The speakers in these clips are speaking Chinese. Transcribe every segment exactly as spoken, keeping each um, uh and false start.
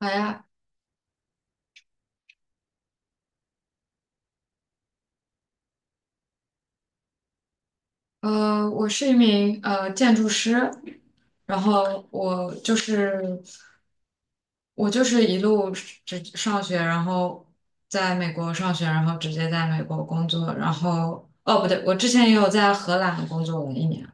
好呀，呃，我是一名呃建筑师，然后我就是我就是一路直上学，然后在美国上学，然后直接在美国工作，然后哦不对，我之前也有在荷兰工作了一年，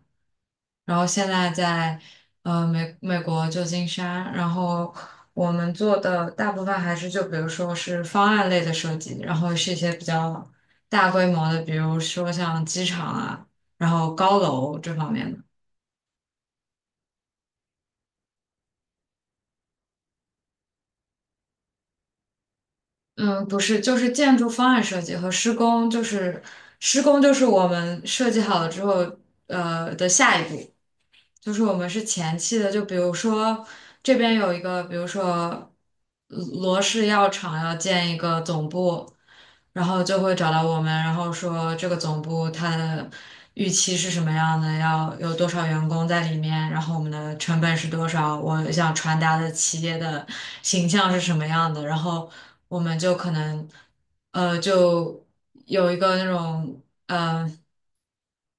然后现在在呃美美国旧金山，然后我们做的大部分还是就比如说是方案类的设计，然后是一些比较大规模的，比如说像机场啊，然后高楼这方面的。嗯，不是，就是建筑方案设计和施工，就是施工就是我们设计好了之后，呃的下一步。就是我们是前期的，就比如说这边有一个，比如说呃罗氏药厂要建一个总部，然后就会找到我们，然后说这个总部它的预期是什么样的，要有多少员工在里面，然后我们的成本是多少，我想传达的企业的形象是什么样的，然后我们就可能呃就有一个那种。嗯。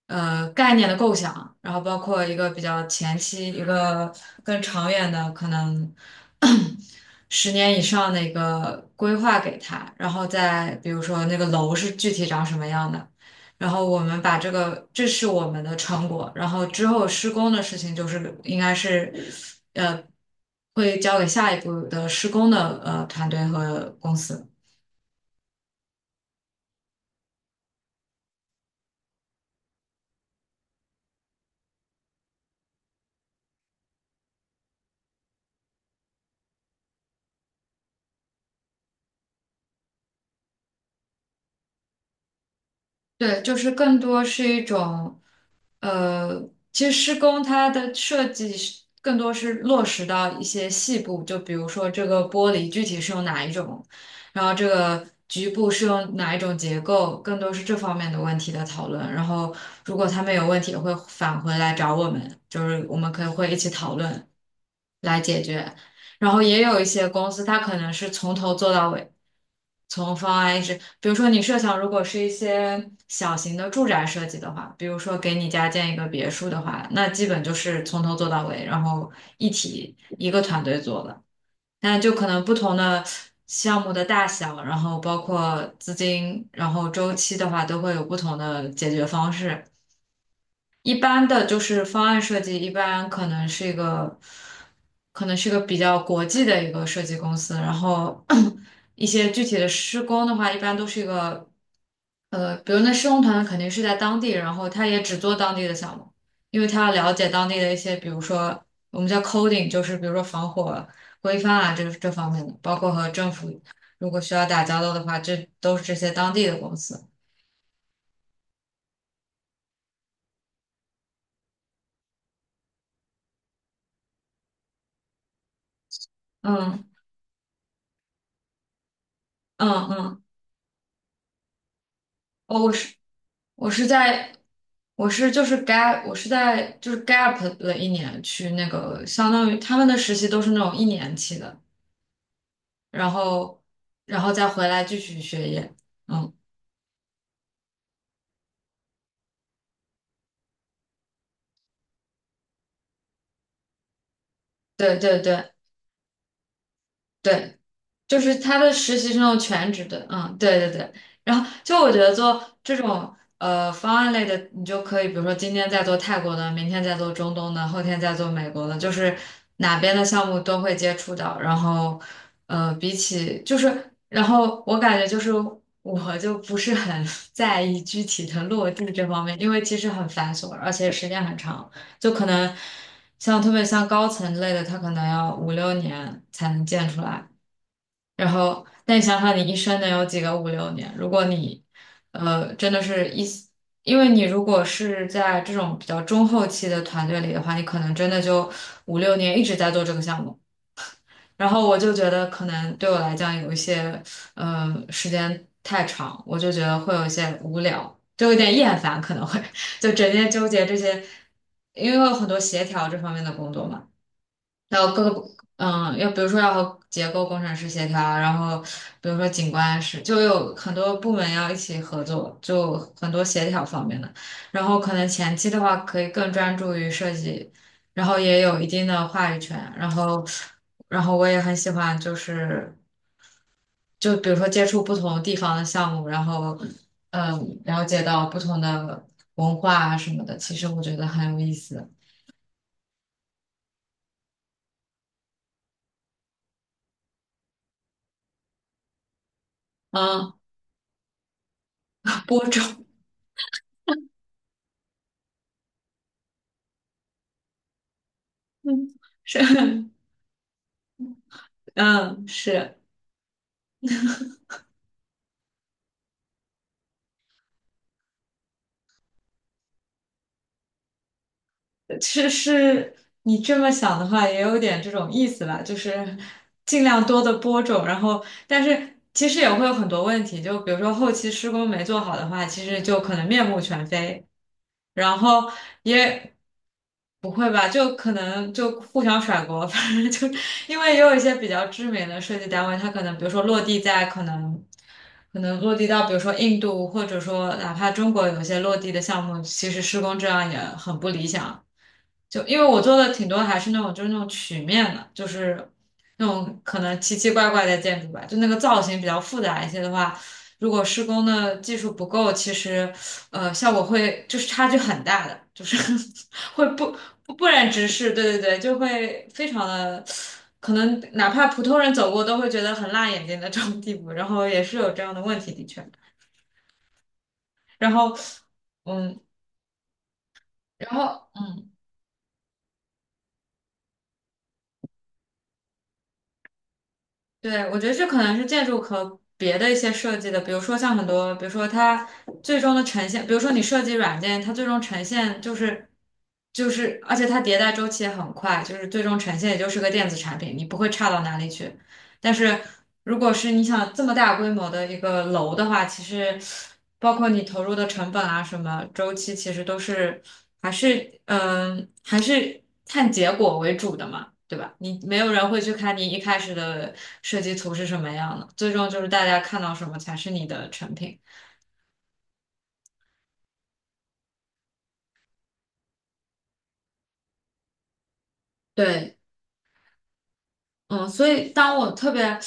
呃概念的构想，然后包括一个比较前期，一个更长远的可能 十年以上的一个规划给他，然后再比如说那个楼是具体长什么样的，然后我们把这个这是我们的成果，然后之后施工的事情就是应该是呃会交给下一步的施工的呃团队和公司。对，就是更多是一种。呃，其实施工它的设计是更多是落实到一些细部，就比如说这个玻璃具体是用哪一种，然后这个局部是用哪一种结构，更多是这方面的问题的讨论。然后如果他们有问题，也会返回来找我们，就是我们可以会一起讨论。来解决。然后也有一些公司，它可能是从头做到尾，从方案一直，比如说你设想，如果是一些小型的住宅设计的话，比如说给你家建一个别墅的话，那基本就是从头做到尾，然后一体一个团队做的。但就可能不同的项目的大小，然后包括资金，然后周期的话，都会有不同的解决方式。一般的就是方案设计，一般可能是一个，可能是一个比较国际的一个设计公司，然后 一些具体的施工的话，一般都是一个，呃，比如那施工团队肯定是在当地，然后他也只做当地的项目，因为他要了解当地的一些，比如说我们叫 coding，就是比如说防火规范啊这这方面的，包括和政府如果需要打交道的话，这都是这些当地的公司。嗯嗯嗯。哦，我是我是在我是就是 gap 我是在就是 gap 了一年去那个，相当于他们的实习都是那种一年期的，然后然后再回来继续学业。嗯，对对对对。就是他的实习生有全职的，嗯，对对对。然后就我觉得做这种呃方案类的，你就可以，比如说今天在做泰国的，明天在做中东的，后天在做美国的，就是哪边的项目都会接触到。然后呃，比起就是，然后我感觉就是我就不是很 在意具体的落地这方面，因为其实很繁琐，而且时间很长，就可能像特别像高层类的，它可能要五六年才能建出来。然后，但你想想，你一生能有几个五六年？如果你，呃，真的是一，因为你如果是在这种比较中后期的团队里的话，你可能真的就五六年一直在做这个项目。然后我就觉得，可能对我来讲有一些，嗯，时间太长，我就觉得会有一些无聊，就有点厌烦，可能会 就整天纠结这些，因为有很多协调这方面的工作嘛。还有各个嗯，要比如说要和结构工程师协调，然后比如说景观师，就有很多部门要一起合作，就很多协调方面的。然后可能前期的话可以更专注于设计，然后也有一定的话语权。然后，然后我也很喜欢，就是就比如说接触不同地方的项目，然后嗯，了解到不同的文化啊什么的，其实我觉得很有意思。嗯，播种，嗯，是。嗯，是，其实你这么想的话，也有点这种意思吧，就是尽量多的播种，然后但是其实也会有很多问题，就比如说后期施工没做好的话，其实就可能面目全非，然后也不会吧，就可能就互相甩锅，反正就因为也有一些比较知名的设计单位，它可能比如说落地在可能。可能落地到，比如说印度，或者说哪怕中国有些落地的项目，其实施工质量也很不理想。就因为我做的挺多还是那种就是那种曲面的，就是那种可能奇奇怪怪的建筑吧，就那个造型比较复杂一些的话，如果施工的技术不够，其实呃效果会就是差距很大的，就是 会不不不忍直视，对对对，就会非常的。可能哪怕普通人走过都会觉得很辣眼睛的这种地步，然后也是有这样的问题，的确。然后，嗯，然后。嗯。对，我觉得这可能是建筑和别的一些设计的，比如说像很多，比如说它最终的呈现，比如说你设计软件，它最终呈现就是就是，而且它迭代周期也很快，就是最终呈现也就是个电子产品，你不会差到哪里去。但是如果是你想这么大规模的一个楼的话，其实包括你投入的成本啊，什么周期，其实都是还是嗯、还是看结果为主的嘛，对吧？你没有人会去看你一开始的设计图是什么样的，最终就是大家看到什么才是你的成品。对，嗯，所以当我特别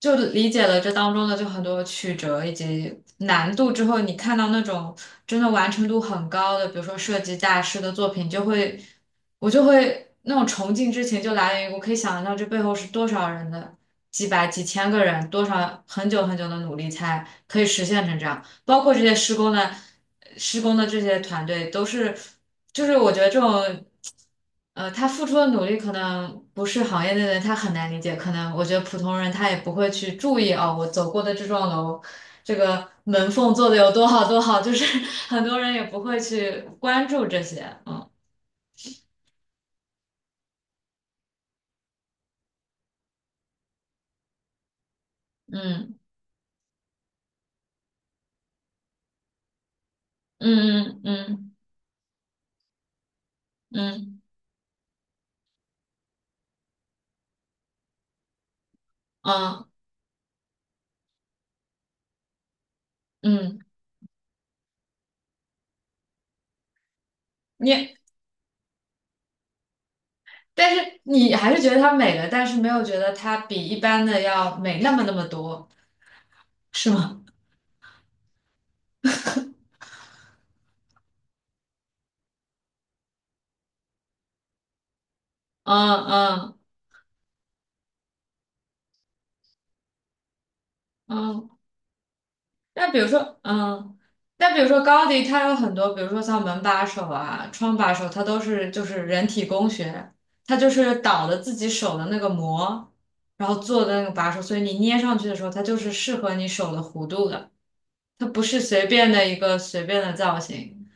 就理解了这当中的就很多曲折以及难度之后，你看到那种真的完成度很高的，比如说设计大师的作品，就会我就会那种崇敬之情就来源于我可以想象到这背后是多少人的几百几千个人，多少很久很久的努力才可以实现成这样。包括这些施工的施工的这些团队都是，就是我觉得这种，呃，他付出的努力可能不是行业内的人他很难理解，可能我觉得普通人他也不会去注意哦，我走过的这幢楼，这个门缝做的有多好多好，就是 很多人也不会去关注这些，嗯嗯嗯嗯嗯嗯嗯嗯，你。但是你还是觉得它美了，但是没有觉得它比一般的要美那么那么多，是吗？嗯嗯嗯，那比如说，嗯，那比如说高迪，他有很多，比如说像门把手啊、窗把手，它都是就是人体工学，它就是倒的自己手的那个模，然后做的那个把手，所以你捏上去的时候，它就是适合你手的弧度的，它不是随便的一个随便的造型，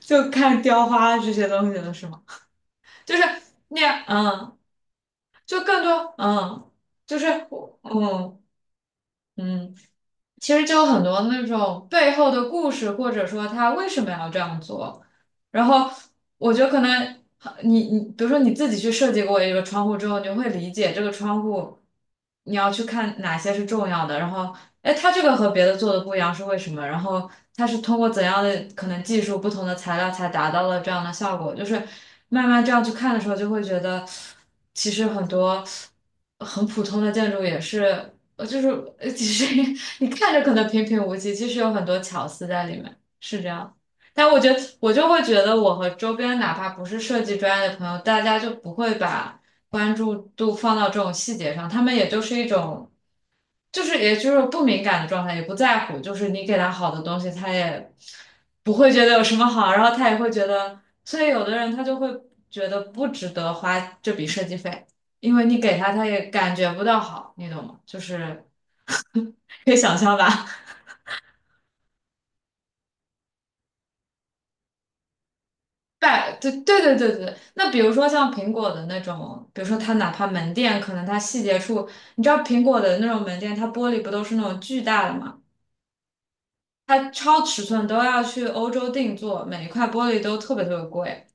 就看雕花这些东西了，是吗？就是那样，嗯，就更多，嗯，就是嗯嗯。其实就有很多那种背后的故事，或者说他为什么要这样做。然后我觉得可能你你比如说你自己去设计过一个窗户之后，你就会理解这个窗户你要去看哪些是重要的。然后，哎，它这个和别的做的不一样是为什么？然后它是通过怎样的可能技术、不同的材料才达到了这样的效果。就是慢慢这样去看的时候，就会觉得其实很多很普通的建筑也是。我就是呃，其实 你看着可能平平无奇，其实有很多巧思在里面，是这样。但我觉得，我就会觉得，我和周边哪怕不是设计专业的朋友，大家就不会把关注度放到这种细节上，他们也就是一种，就是也就是不敏感的状态，也不在乎，就是你给他好的东西，他也不会觉得有什么好，然后他也会觉得，所以有的人他就会觉得不值得花这笔设计费，因为你给他，他也感觉不到好，你懂吗？就是。可以想象吧？百，对对对对对，那比如说像苹果的那种，比如说它哪怕门店，可能它细节处，你知道苹果的那种门店，它玻璃不都是那种巨大的嘛？它超尺寸都要去欧洲定做，每一块玻璃都特别特别贵。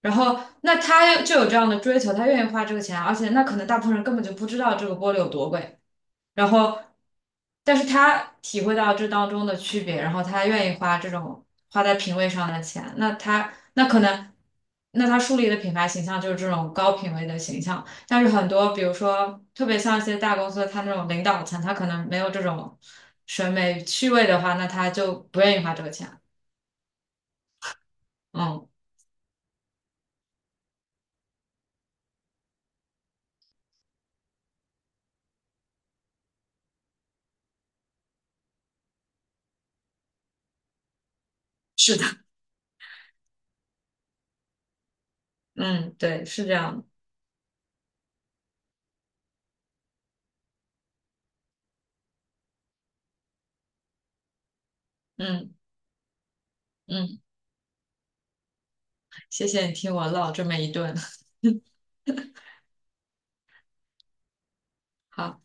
然后，那他就有这样的追求，他愿意花这个钱，而且那可能大部分人根本就不知道这个玻璃有多贵，然后，但是他体会到这当中的区别，然后他愿意花这种花在品味上的钱，那他那可能，那他树立的品牌形象就是这种高品位的形象，但是很多，比如说特别像一些大公司，他那种领导层，他可能没有这种审美趣味的话，那他就不愿意花这个钱。嗯，是的。嗯，对，是这样的嗯嗯，谢谢你听我唠这么一顿。好。